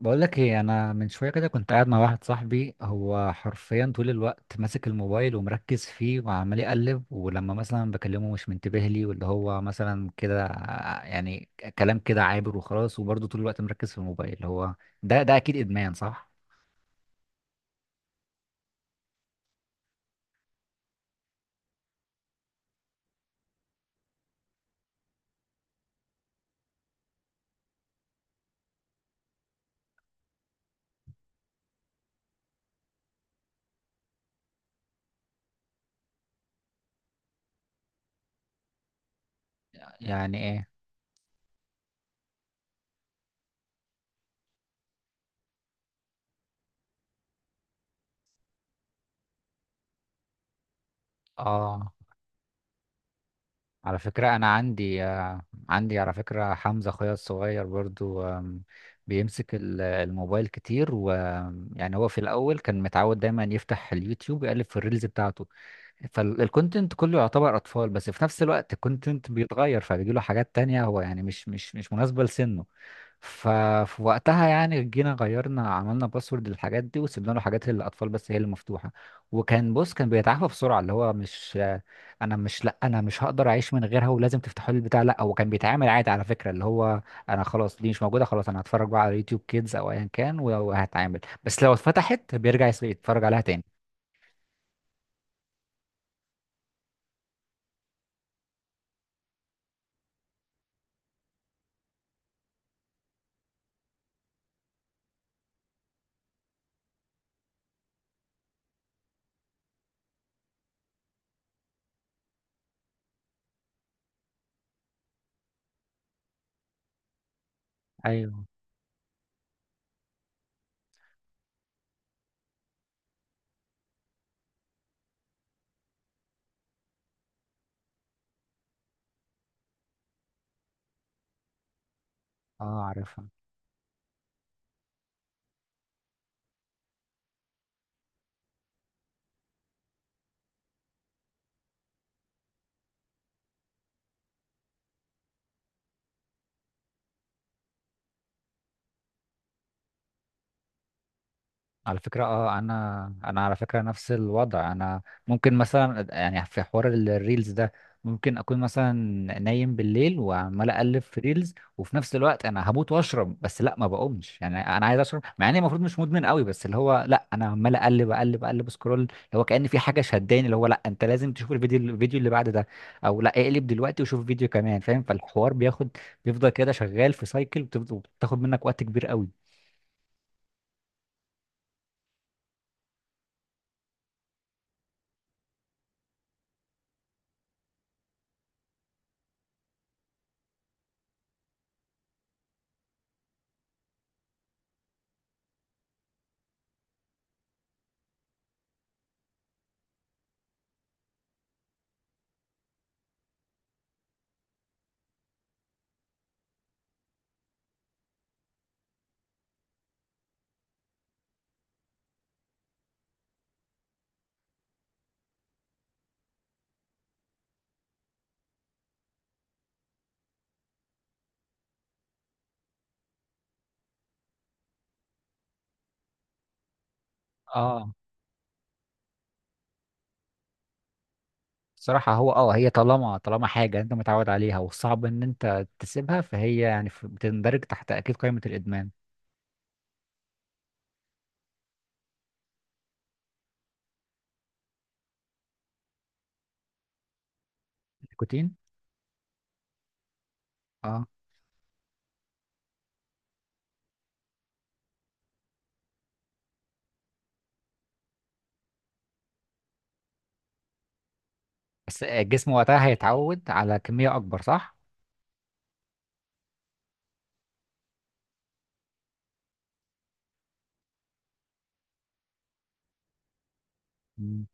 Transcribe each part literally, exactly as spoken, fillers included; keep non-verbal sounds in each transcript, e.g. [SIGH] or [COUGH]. بقول لك ايه؟ انا من شويه كده كنت قاعد مع واحد صاحبي، هو حرفيا طول الوقت ماسك الموبايل ومركز فيه وعمال يقلب، ولما مثلا بكلمه مش منتبه لي، واللي هو مثلا كده ع- يعني كلام كده عابر وخلاص، وبرضه طول الوقت مركز في الموبايل هو. ده ده اكيد ادمان، صح؟ يعني ايه؟ اه، على فكرة أنا عندي آه، عندي على فكرة حمزة أخويا الصغير برضو، آم، بيمسك ال- الموبايل كتير، ويعني هو في الأول كان متعود دايما يفتح اليوتيوب يقلب في الريلز بتاعته. فالكونتنت كله يعتبر أطفال، بس في نفس الوقت الكونتنت بيتغير فبيجيله حاجات تانية هو يعني مش مش مش مناسبة لسنه. ففي وقتها يعني جينا غيرنا، عملنا باسورد للحاجات دي وسيبنا له حاجات اللي الاطفال بس هي اللي مفتوحه. وكان بص، كان بيتعافى بسرعه، اللي هو مش انا مش لا انا مش هقدر اعيش من غيرها ولازم تفتحوا لي البتاع، لا، هو كان بيتعامل عادي على فكره، اللي هو انا خلاص دي مش موجوده، خلاص انا هتفرج بقى على يوتيوب كيدز او ايا كان وهتعامل، بس لو اتفتحت بيرجع يس- يتفرج عليها تاني. ايوه، اه عارفها. على فكرة اه، انا انا على فكرة نفس الوضع انا. ممكن مثلا يعني في حوار ال- الريلز ده، ممكن اكون مثلا نايم بالليل وعمال اقلب في ريلز، وفي نفس الوقت انا هموت واشرب، بس لا ما بقومش، يعني انا عايز اشرب مع اني المفروض مش مدمن قوي، بس اللي هو لا انا عمال اقلب اقلب اقلب سكرول، اللي هو كأن في حاجة شداني، اللي هو لا انت لازم تشوف الفيديو، الفيديو اللي بعد ده، او لا اقلب دلوقتي وشوف فيديو كمان، فاهم؟ فالحوار بياخد، بيفضل كده شغال في سايكل، وبتفضل- وبتاخد منك وقت كبير قوي. اه بصراحة هو اه، هي طالما طالما حاجة انت متعود عليها وصعب ان انت تسيبها، فهي يعني ف- بتندرج تحت اكيد قائمة الادمان. النيكوتين. اه بس الجسم وقتها هيتعود على كمية اكبر، صح؟ مم.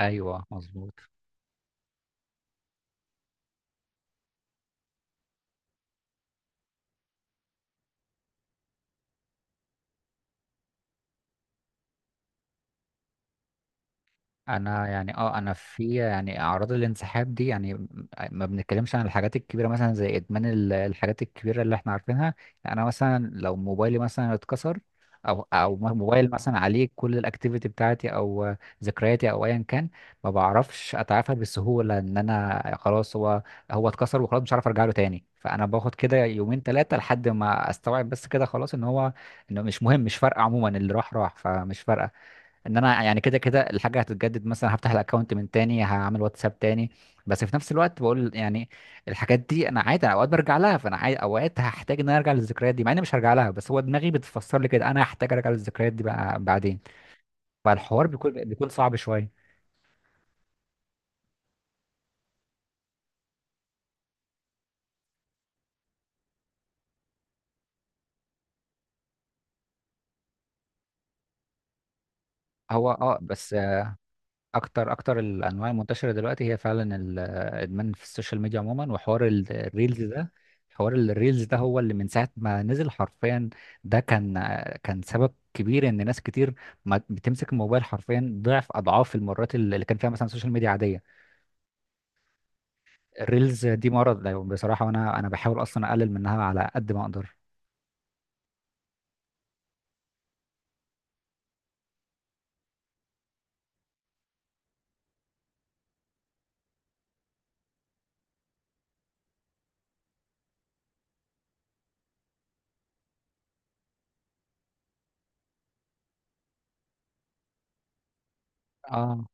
ايوه مظبوط. انا يعني اه، انا في يعني اعراض الانسحاب دي يعني م- آه، ما بنتكلمش عن الحاجات الكبيره مثلا زي ادمان ال- الحاجات الكبيره اللي احنا عارفينها. يعني انا مثلا لو موبايلي مثلا اتكسر، او او م- موبايل مثلا عليه كل الاكتيفيتي بتاعتي او ذكرياتي او ايا كان، ما بعرفش اتعافى بسهوله ان انا خلاص هو، هو اتكسر وخلاص مش عارف ارجع له تاني، فانا باخد كده يومين ثلاثه لحد ما استوعب بس كده خلاص ان هو انه مش مهم مش فارقه، عموما اللي راح راح فمش فارقه. ان انا يعني كده كده الحاجه هتتجدد، مثلا هفتح الاكونت من تاني، هعمل واتساب تاني. بس في نفس الوقت بقول يعني الحاجات دي انا عادي، انا اوقات برجع لها، فانا عادي اوقات هحتاج ان انا ارجع للذكريات دي مع اني مش هرجع لها، بس هو دماغي بتفسر لي كده انا هحتاج ارجع للذكريات دي بقى بعدين. فالحوار بيكون بيكون صعب شويه. هو اه بس، اكتر اكتر الانواع المنتشره دلوقتي هي فعلا الادمان في السوشيال ميديا عموما وحوار ال- الريلز ده. حوار ال- الريلز ده هو اللي من ساعه ما نزل حرفيا، ده كان، كان سبب كبير ان ناس كتير ما بتمسك الموبايل حرفيا ضعف اضعاف المرات اللي كان فيها مثلا السوشيال ميديا عاديه. الريلز دي مرض يعني بصراحه، وانا انا بحاول اصلا اقلل منها على قد ما اقدر. اه.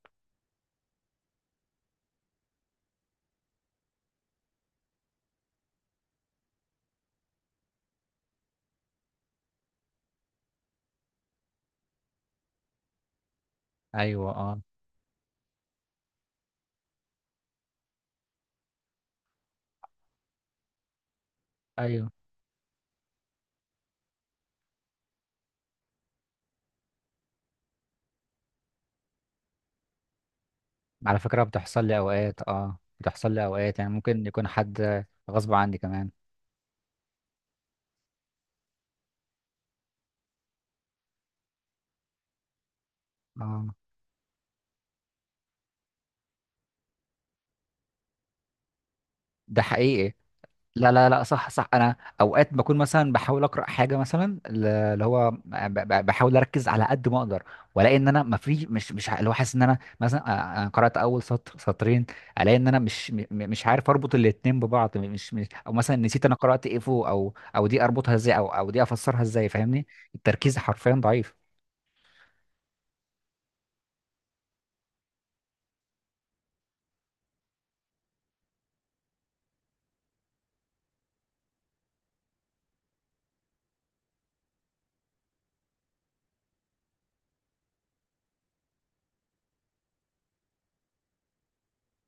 ايوه. اه. ايوه. على فكره بتحصل لي اوقات، اه بتحصل لي اوقات يعني ممكن يكون حد غصب عني كمان. اه ده حقيقي. لا لا لا، صح صح، انا اوقات بكون مثلا بحاول اقرا حاجه مثلا ل- اللي هو ب- ب- بحاول اركز على قد ما اقدر، والاقي ان انا ما في مش مش ع- اللي هو حاسس ان انا مثلا أ- أنا قرات اول سطر سطرين، الاقي ان انا مش م- م- مش عارف اربط الاتنين ببعض، مش, مش او مثلا نسيت انا قرات ايه فوق، او او دي اربطها ازاي، او او دي افسرها ازاي، فاهمني؟ التركيز حرفيا ضعيف.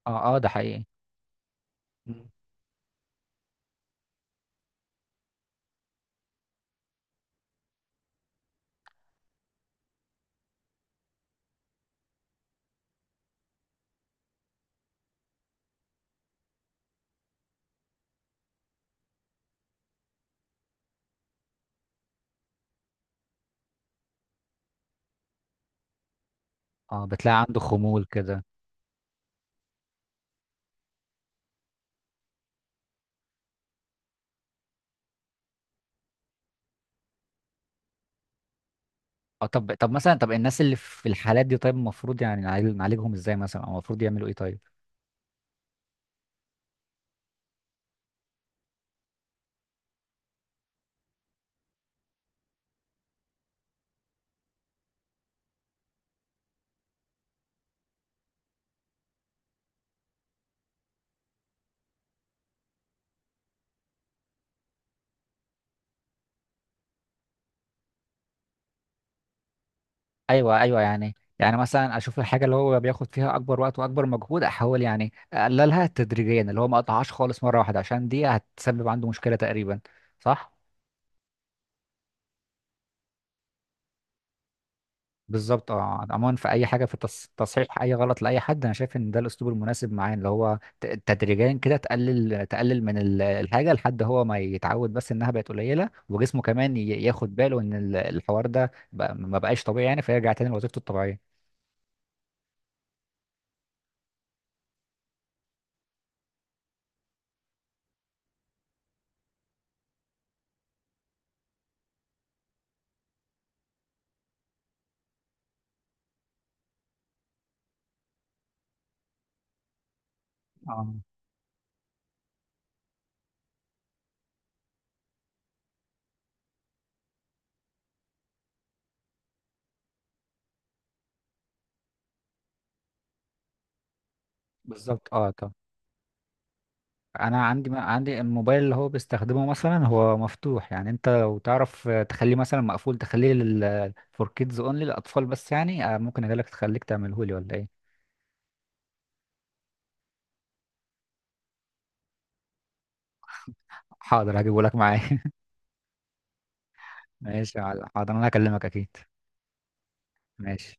اه. اه ده حقيقي. مم. اه بتلاقي عنده خمول كده. اه، طب طب مثلا طب الناس اللي في الحالات دي طيب، المفروض يعني نعالج- نعالجهم ازاي مثلا، او المفروض يعملوا ايه طيب؟ ايوه، ايوه، يعني يعني مثلا اشوف الحاجه اللي هو بياخد فيها اكبر وقت واكبر مجهود، احاول يعني اقللها تدريجيا، اللي هو ما اقطعهاش خالص مره واحده عشان دي هتسبب عنده مشكله تقريبا. صح. بالظبط. اه عموما في اي حاجه في التص- تصحيح اي غلط لاي حد، انا شايف ان ده الاسلوب المناسب معاه، اللي هو ت- تدريجيا كده تقلل تقلل من ال- الحاجه لحد هو ما يتعود بس انها بقت قليله، وجسمه كمان ي- ياخد باله ان ال- الحوار ده بقى- ما بقاش طبيعي يعني، فيرجع تاني لوظيفته الطبيعيه. اه بالظبط. اه طب، انا عندي عندي الموبايل اللي هو بيستخدمه مثلا هو مفتوح، يعني انت لو تعرف تخليه مثلا مقفول، تخليه لل فور كيدز اونلي للاطفال بس يعني، آه، ممكن اجيلك تخليك تعمله لي ولا ايه؟ حاضر هجيبه لك معايا. [LAUGHS] ماشي يا معلم. حاضر انا هكلمك اكيد. ماشي.